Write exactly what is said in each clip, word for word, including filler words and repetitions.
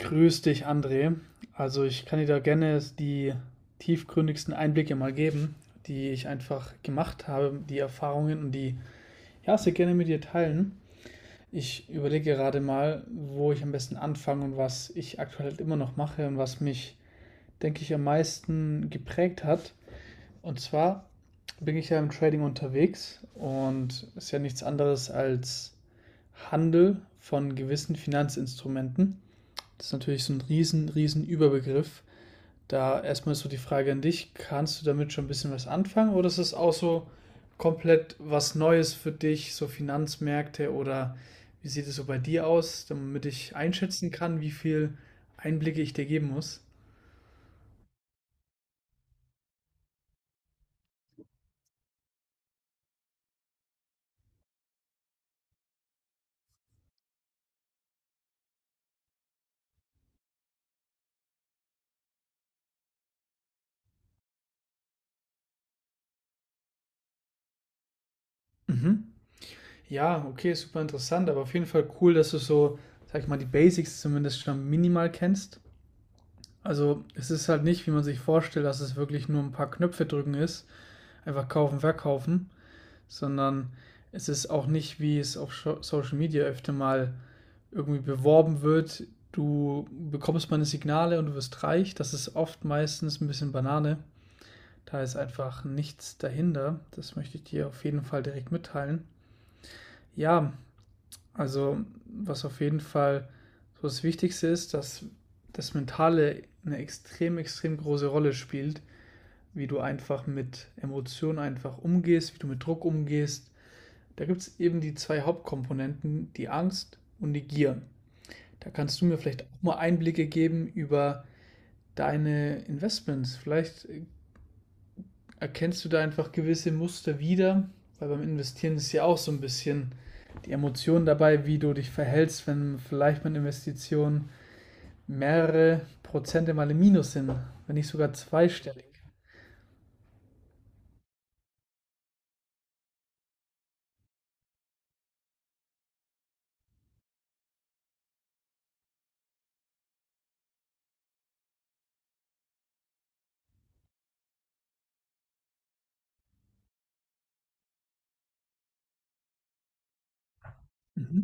Grüß dich, André. Also ich kann dir da gerne die tiefgründigsten Einblicke mal geben, die ich einfach gemacht habe, die Erfahrungen und die, ja, sehr gerne mit dir teilen. Ich überlege gerade mal, wo ich am besten anfange und was ich aktuell halt immer noch mache und was mich, denke ich, am meisten geprägt hat. Und zwar bin ich ja im Trading unterwegs und ist ja nichts anderes als Handel von gewissen Finanzinstrumenten. Das ist natürlich so ein riesen, riesen Überbegriff. Da erstmal so die Frage an dich, kannst du damit schon ein bisschen was anfangen oder ist es auch so komplett was Neues für dich, so Finanzmärkte oder wie sieht es so bei dir aus, damit ich einschätzen kann, wie viel Einblicke ich dir geben muss? Mhm. Ja, okay, super interessant, aber auf jeden Fall cool, dass du so, sag ich mal, die Basics zumindest schon minimal kennst. Also es ist halt nicht, wie man sich vorstellt, dass es wirklich nur ein paar Knöpfe drücken ist, einfach kaufen, verkaufen, sondern es ist auch nicht, wie es auf Social Media öfter mal irgendwie beworben wird. Du bekommst meine Signale und du wirst reich. Das ist oft meistens ein bisschen Banane. Da ist einfach nichts dahinter. Das möchte ich dir auf jeden Fall direkt mitteilen. Ja, also was auf jeden Fall so das Wichtigste ist, dass das Mentale eine extrem, extrem große Rolle spielt, wie du einfach mit Emotionen einfach umgehst, wie du mit Druck umgehst. Da gibt es eben die zwei Hauptkomponenten, die Angst und die Gier. Da kannst du mir vielleicht auch mal Einblicke geben über deine Investments. Vielleicht erkennst du da einfach gewisse Muster wieder, weil beim Investieren ist ja auch so ein bisschen die Emotion dabei, wie du dich verhältst, wenn vielleicht meine Investition mehrere Prozente mal im Minus sind, wenn nicht sogar zweistellig. Mhm.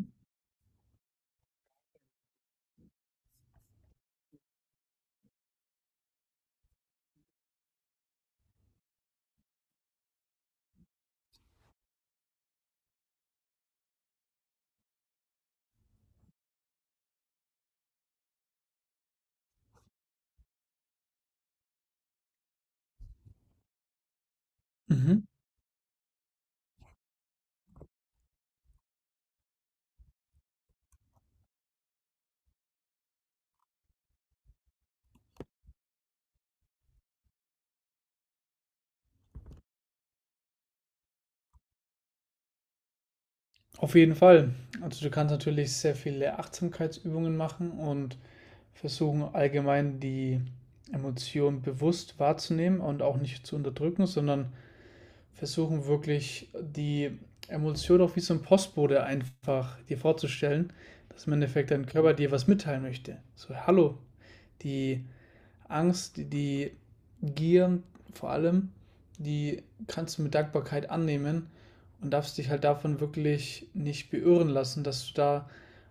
Mhm. Auf jeden Fall. Also du kannst natürlich sehr viele Achtsamkeitsübungen machen und versuchen allgemein die Emotionen bewusst wahrzunehmen und auch nicht zu unterdrücken, sondern versuchen wirklich die Emotion auch wie so ein Postbote einfach dir vorzustellen, dass im Endeffekt dein Körper dir was mitteilen möchte. So, hallo, die Angst, die Gier vor allem, die kannst du mit Dankbarkeit annehmen und darfst dich halt davon wirklich nicht beirren lassen, dass du da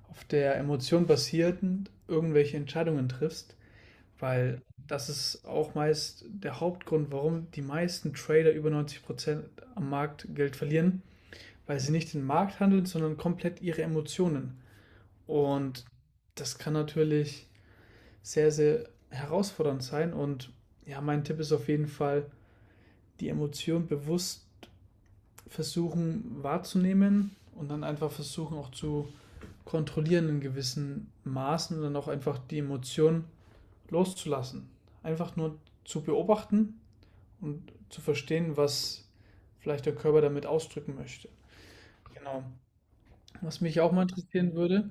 auf der Emotion basierend irgendwelche Entscheidungen triffst. Weil das ist auch meist der Hauptgrund, warum die meisten Trader über neunzig Prozent am Markt Geld verlieren, weil sie nicht den Markt handeln, sondern komplett ihre Emotionen. Und das kann natürlich sehr, sehr herausfordernd sein. Und ja, mein Tipp ist auf jeden Fall, die Emotion bewusst versuchen wahrzunehmen und dann einfach versuchen auch zu kontrollieren in gewissen Maßen und dann auch einfach die Emotion loszulassen. Einfach nur zu beobachten und zu verstehen, was vielleicht der Körper damit ausdrücken möchte. Genau. Was mich auch mal interessieren würde,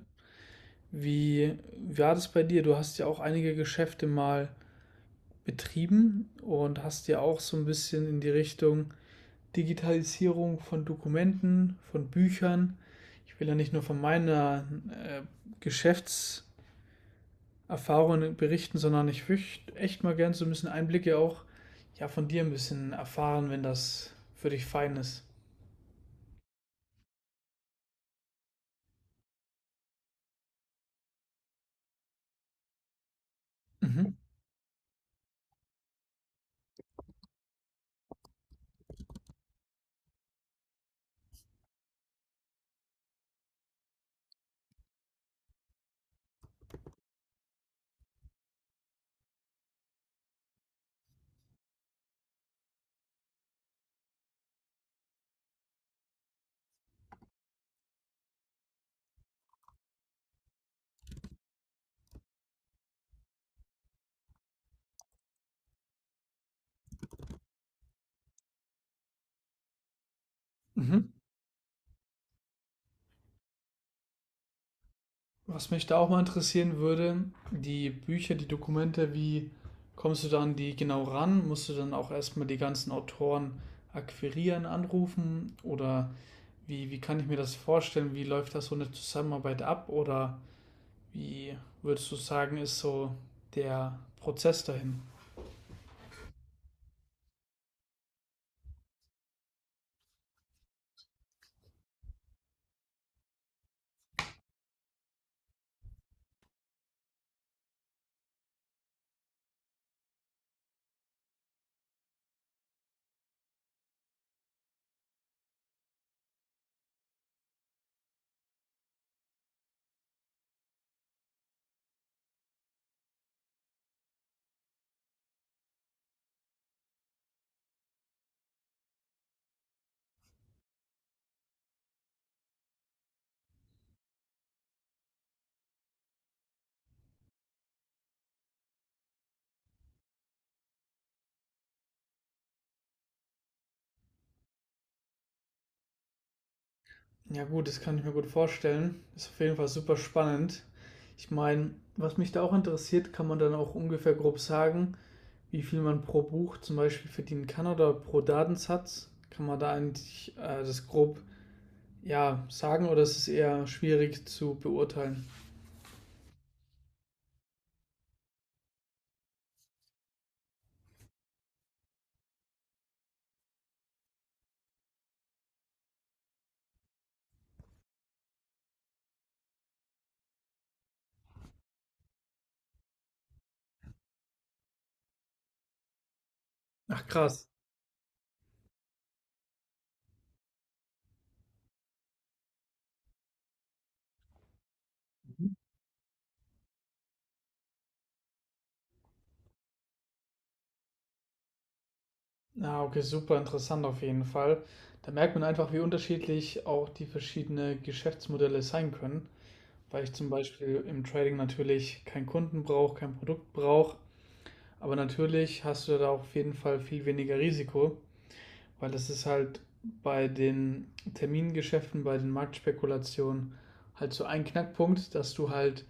wie, wie war das bei dir? Du hast ja auch einige Geschäfte mal betrieben und hast ja auch so ein bisschen in die Richtung Digitalisierung von Dokumenten, von Büchern. Ich will ja nicht nur von meiner äh, Geschäftserfahrung berichten, sondern ich würde echt mal gern so ein bisschen Einblicke auch, ja, von dir ein bisschen erfahren, wenn das für dich fein ist. Mhm. Mhm. Was mich da auch mal interessieren würde, die Bücher, die Dokumente, wie kommst du dann die genau ran? Musst du dann auch erstmal die ganzen Autoren akquirieren, anrufen? Oder wie, wie kann ich mir das vorstellen? Wie läuft das so eine Zusammenarbeit ab? Oder wie würdest du sagen, ist so der Prozess dahin? Ja gut, das kann ich mir gut vorstellen. Ist auf jeden Fall super spannend. Ich meine, was mich da auch interessiert, kann man dann auch ungefähr grob sagen, wie viel man pro Buch zum Beispiel verdienen kann oder pro Datensatz? Kann man da eigentlich äh, das grob, ja, sagen oder ist es eher schwierig zu beurteilen? Ach krass. Mhm. Ah, okay, super interessant auf jeden Fall. Da merkt man einfach, wie unterschiedlich auch die verschiedenen Geschäftsmodelle sein können, weil ich zum Beispiel im Trading natürlich keinen Kunden brauche, kein Produkt brauche, aber natürlich hast du da auf jeden Fall viel weniger Risiko. Weil es ist halt bei den Termingeschäften, bei den Marktspekulationen halt so ein Knackpunkt, dass du halt,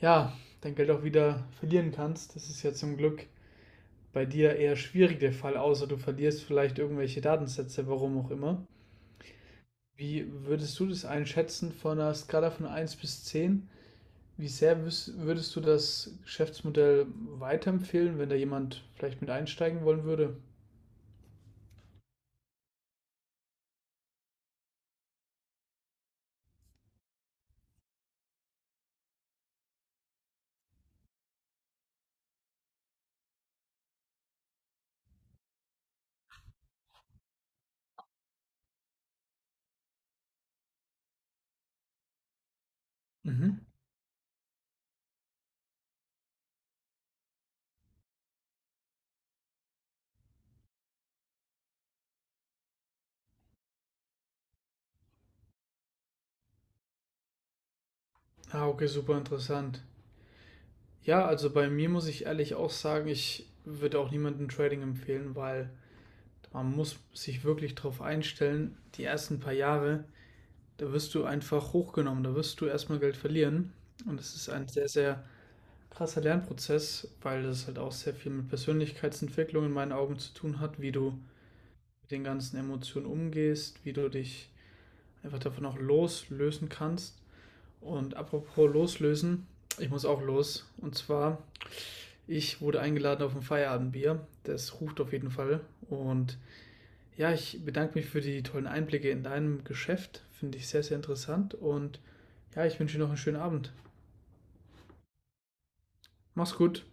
ja, dein Geld auch wieder verlieren kannst. Das ist ja zum Glück bei dir eher schwierig der Fall, außer du verlierst vielleicht irgendwelche Datensätze, warum auch immer. Wie würdest du das einschätzen von einer Skala von eins bis zehn? Wie sehr würdest du das Geschäftsmodell weiterempfehlen, wenn da jemand vielleicht mit einsteigen wollen würde? Mhm. Ah, okay, super interessant. Ja, also bei mir muss ich ehrlich auch sagen, ich würde auch niemandem Trading empfehlen, weil man muss sich wirklich darauf einstellen, die ersten paar Jahre, da wirst du einfach hochgenommen, da wirst du erstmal Geld verlieren. Und es ist ein sehr, sehr krasser Lernprozess, weil das halt auch sehr viel mit Persönlichkeitsentwicklung in meinen Augen zu tun hat, wie du mit den ganzen Emotionen umgehst, wie du dich einfach davon auch loslösen kannst. Und apropos loslösen, ich muss auch los. Und zwar: ich wurde eingeladen auf ein Feierabendbier. Das ruft auf jeden Fall. Und ja, ich bedanke mich für die tollen Einblicke in deinem Geschäft. Finde ich sehr, sehr interessant. Und ja, ich wünsche dir noch einen schönen Abend. Mach's gut.